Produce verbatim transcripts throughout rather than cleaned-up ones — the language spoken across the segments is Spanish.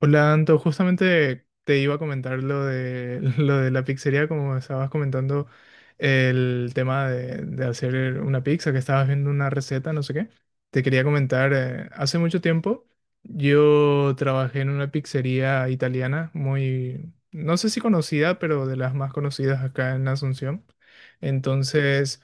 Hola, Anto, justamente te iba a comentar lo de, lo de la pizzería, como estabas comentando el tema de, de hacer una pizza, que estabas viendo una receta, no sé qué. Te quería comentar, eh, hace mucho tiempo yo trabajé en una pizzería italiana muy, no sé si conocida, pero de las más conocidas acá en Asunción. Entonces,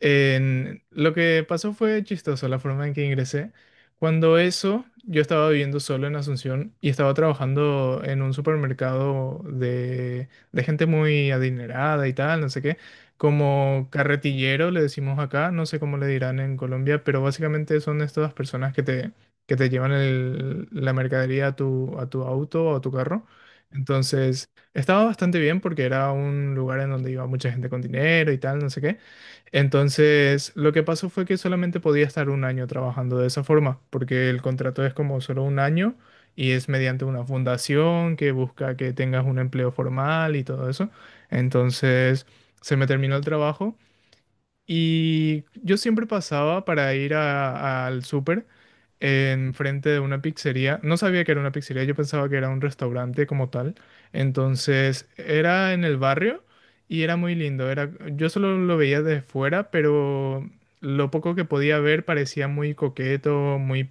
en- lo que pasó fue chistoso la forma en que ingresé. Cuando eso, yo estaba viviendo solo en Asunción y estaba trabajando en un supermercado de, de gente muy adinerada y tal, no sé qué, como carretillero le decimos acá, no sé cómo le dirán en Colombia, pero básicamente son estas personas que te, que te llevan el- la mercadería a tu, a tu auto o a tu carro. Entonces, estaba bastante bien porque era un lugar en donde iba mucha gente con dinero y tal, no sé qué. Entonces, lo que pasó fue que solamente podía estar un año trabajando de esa forma, porque el contrato es como solo un año y es mediante una fundación que busca que tengas un empleo formal y todo eso. Entonces, se me terminó el trabajo y yo siempre pasaba para ir a- al súper enfrente de una pizzería. No sabía que era una pizzería, yo pensaba que era un restaurante como tal. Entonces era en el barrio y era muy lindo. Era, yo solo lo veía de fuera, pero lo poco que podía ver parecía muy coqueto, muy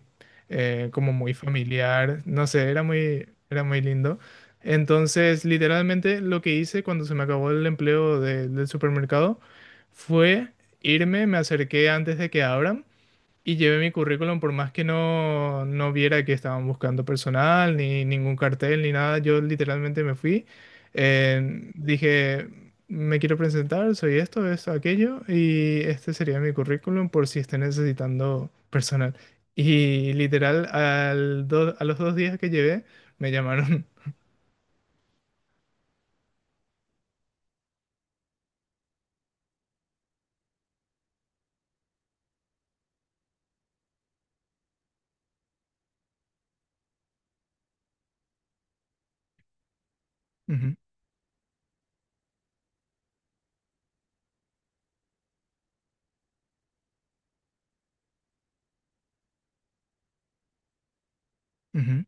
eh, como muy familiar. No sé, era muy, era muy lindo. Entonces, literalmente lo que hice cuando se me acabó el empleo de- del supermercado fue irme, me acerqué antes de que abran y llevé mi currículum, por más que no, no viera que estaban buscando personal, ni ningún cartel, ni nada, yo literalmente me fui. Eh, dije, me quiero presentar, soy esto, esto, aquello, y este sería mi currículum por si esté necesitando personal. Y literal, al do- a los dos días que llevé, me llamaron. Ujú, ujú.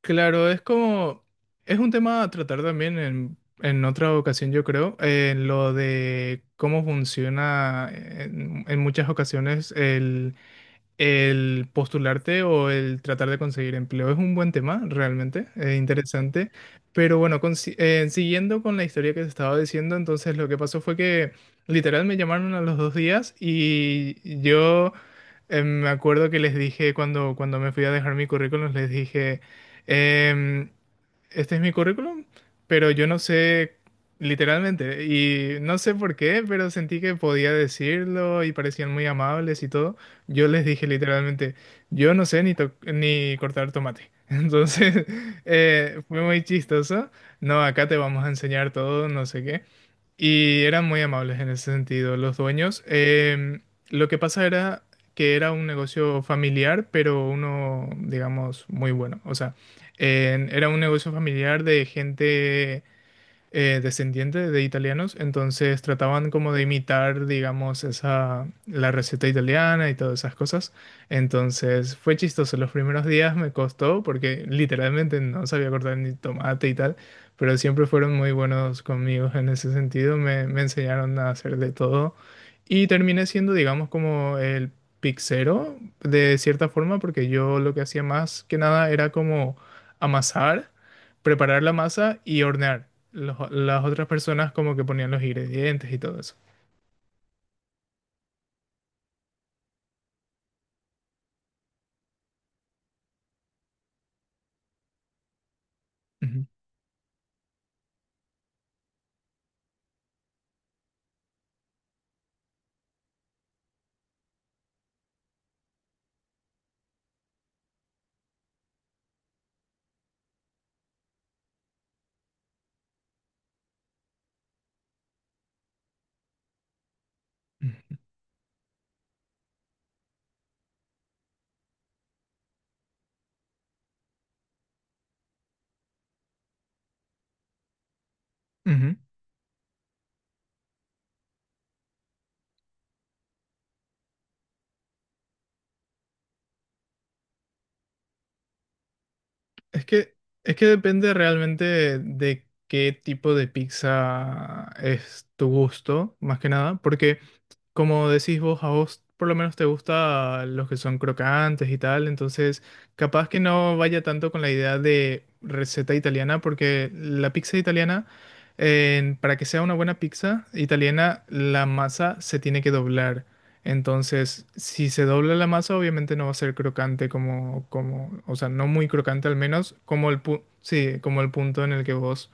Claro, es como, es un tema a tratar también en, en otra ocasión, yo creo, en lo de cómo funciona en, en muchas ocasiones el postularte o el tratar de conseguir empleo es un buen tema, realmente, es interesante. Pero bueno, consi- eh, siguiendo con la historia que te estaba diciendo, entonces lo que pasó fue que literal me llamaron a los dos días y yo eh, me acuerdo que les dije cuando, cuando me fui a dejar mi currículum, les dije, em, este es mi currículum, pero yo no sé literalmente y no sé por qué, pero sentí que podía decirlo y parecían muy amables y todo. Yo les dije literalmente, yo no sé ni, to- ni cortar tomate. Entonces, eh, fue muy chistoso. No, acá te vamos a enseñar todo, no sé qué. Y eran muy amables en ese sentido los dueños. Em, lo que pasa era que era un negocio familiar, pero uno, digamos, muy bueno. O sea, eh, era un negocio familiar de gente eh, descendiente de italianos, entonces trataban como de imitar, digamos, esa, la receta italiana y todas esas cosas. Entonces fue chistoso, los primeros días me costó porque literalmente no sabía cortar ni tomate y tal, pero siempre fueron muy buenos conmigo en ese sentido, me, me enseñaron a hacer de todo y terminé siendo, digamos, como el pixero de cierta forma porque yo lo que hacía más que nada era como amasar preparar la masa y hornear. Los- las otras personas como que ponían los ingredientes y todo eso. Ujú, ujú, ujú. Es que, es que depende realmente de qué tipo de pizza es tu gusto, más que nada, porque como decís vos, a vos por lo menos te gusta los que son crocantes y tal, entonces capaz que no vaya tanto con la idea de receta italiana, porque la pizza italiana, eh, para que sea una buena pizza italiana, la masa se tiene que doblar. Entonces, si se dobla la masa, obviamente no va a ser crocante como, como, o sea, no muy crocante al menos, como el pu- sí, como el punto en el que vos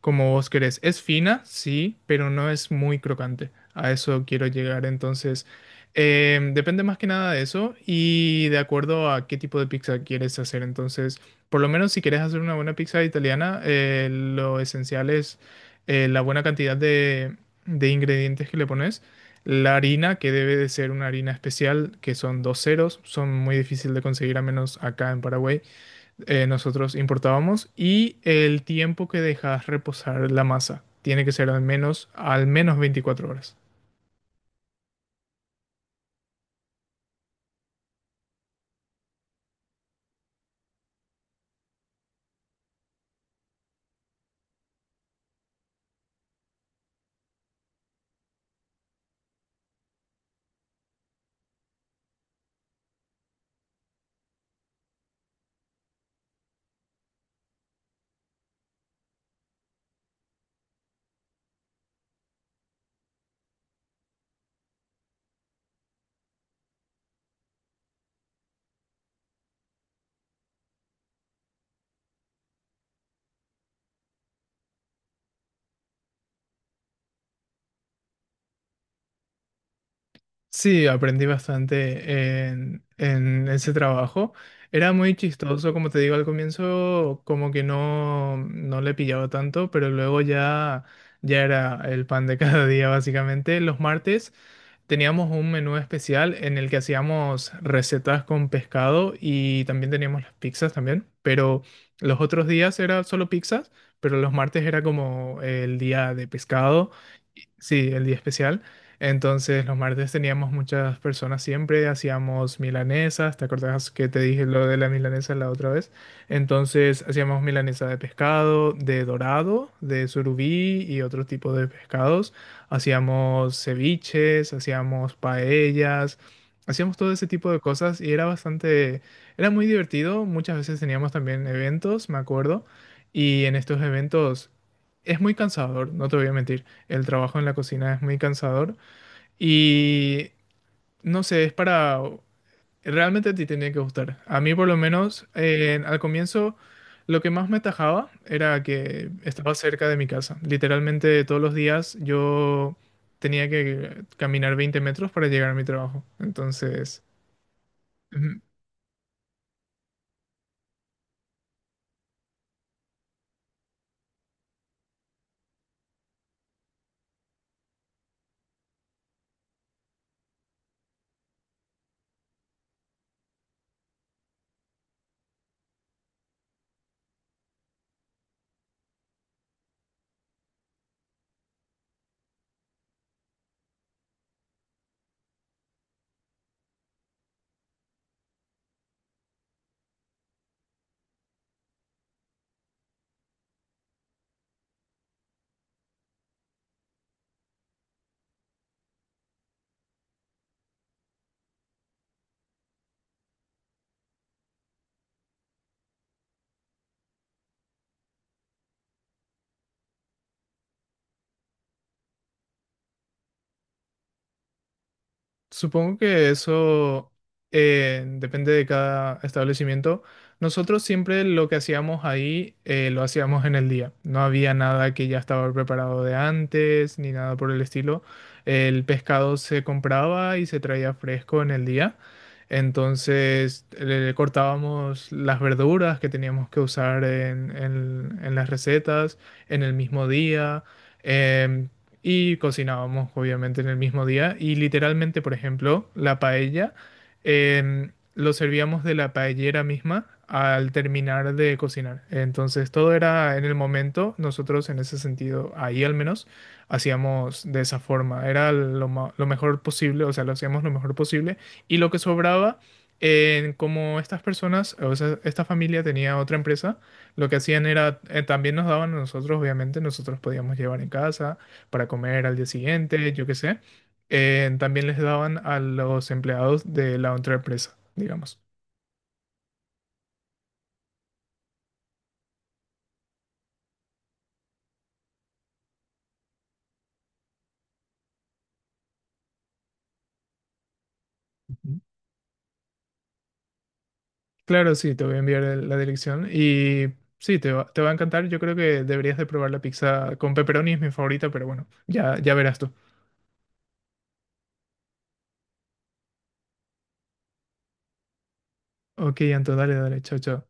como vos querés. Es fina, sí, pero no es muy crocante. A eso quiero llegar. Entonces, eh, depende más que nada de eso y de acuerdo a qué tipo de pizza quieres hacer. Entonces, por lo menos si quieres hacer una buena pizza italiana, eh, lo esencial es eh, la buena cantidad de, de ingredientes que le pones. La harina, que debe de ser una harina especial, que son dos ceros, son muy difícil de conseguir, a menos acá en Paraguay eh, nosotros importábamos y el tiempo que dejas reposar la masa tiene que ser al menos, al menos veinticuatro horas. Sí, aprendí bastante en, en ese trabajo. Era muy chistoso, como te digo, al comienzo como que no, no le pillaba tanto, pero luego ya, ya era el pan de cada día, básicamente. Los martes teníamos un menú especial en el que hacíamos recetas con pescado y también teníamos las pizzas también, pero los otros días era solo pizzas, pero los martes era como el día de pescado, y- sí, el día especial. Entonces los martes teníamos muchas personas siempre, hacíamos milanesas, ¿te acordás que te dije lo de la milanesa la otra vez? Entonces hacíamos milanesa de pescado, de dorado, de surubí y otro tipo de pescados. Hacíamos ceviches, hacíamos paellas, hacíamos todo ese tipo de cosas y era bastante, era muy divertido. Muchas veces teníamos también eventos, me acuerdo, y en estos eventos es muy cansador, no te voy a mentir. El trabajo en la cocina es muy cansador y no sé, es para... Realmente a ti tenía que gustar. A mí por lo menos eh, al comienzo... Lo que más me tajaba era que estaba cerca de mi casa. Literalmente todos los días yo tenía que caminar veinte metros para llegar a mi trabajo. Entonces, mm, supongo que eso eh, depende de cada establecimiento. Nosotros siempre lo que hacíamos ahí eh, lo hacíamos en el día. No había nada que ya estaba preparado de antes ni nada por el estilo. El pescado se compraba y se traía fresco en el día. Entonces le cortábamos las verduras que teníamos que usar en, en- en las recetas en el mismo día. Em, y cocinábamos obviamente en el mismo día y literalmente, por ejemplo, la paella em, lo servíamos de la paellera misma al terminar de cocinar. Entonces todo era en el momento, nosotros en ese sentido, ahí al menos, hacíamos de esa forma, era lo, ma- lo mejor posible, o sea, lo hacíamos lo mejor posible y lo que sobraba... en- Como estas personas, o sea, esta familia tenía otra empresa, lo que hacían era, eh, también nos daban a nosotros, obviamente, nosotros podíamos llevar en casa, para comer al día siguiente, yo qué sé. Eh, también les daban a los empleados de la otra empresa, digamos. Ujú. Claro, sí, te voy a enviar el- la dirección y sí, te va, te va a encantar. Yo creo que deberías de probar la pizza con pepperoni, es mi favorita, pero bueno, ya, ya verás tú. Ok, Anto, dale, dale, chao, chao.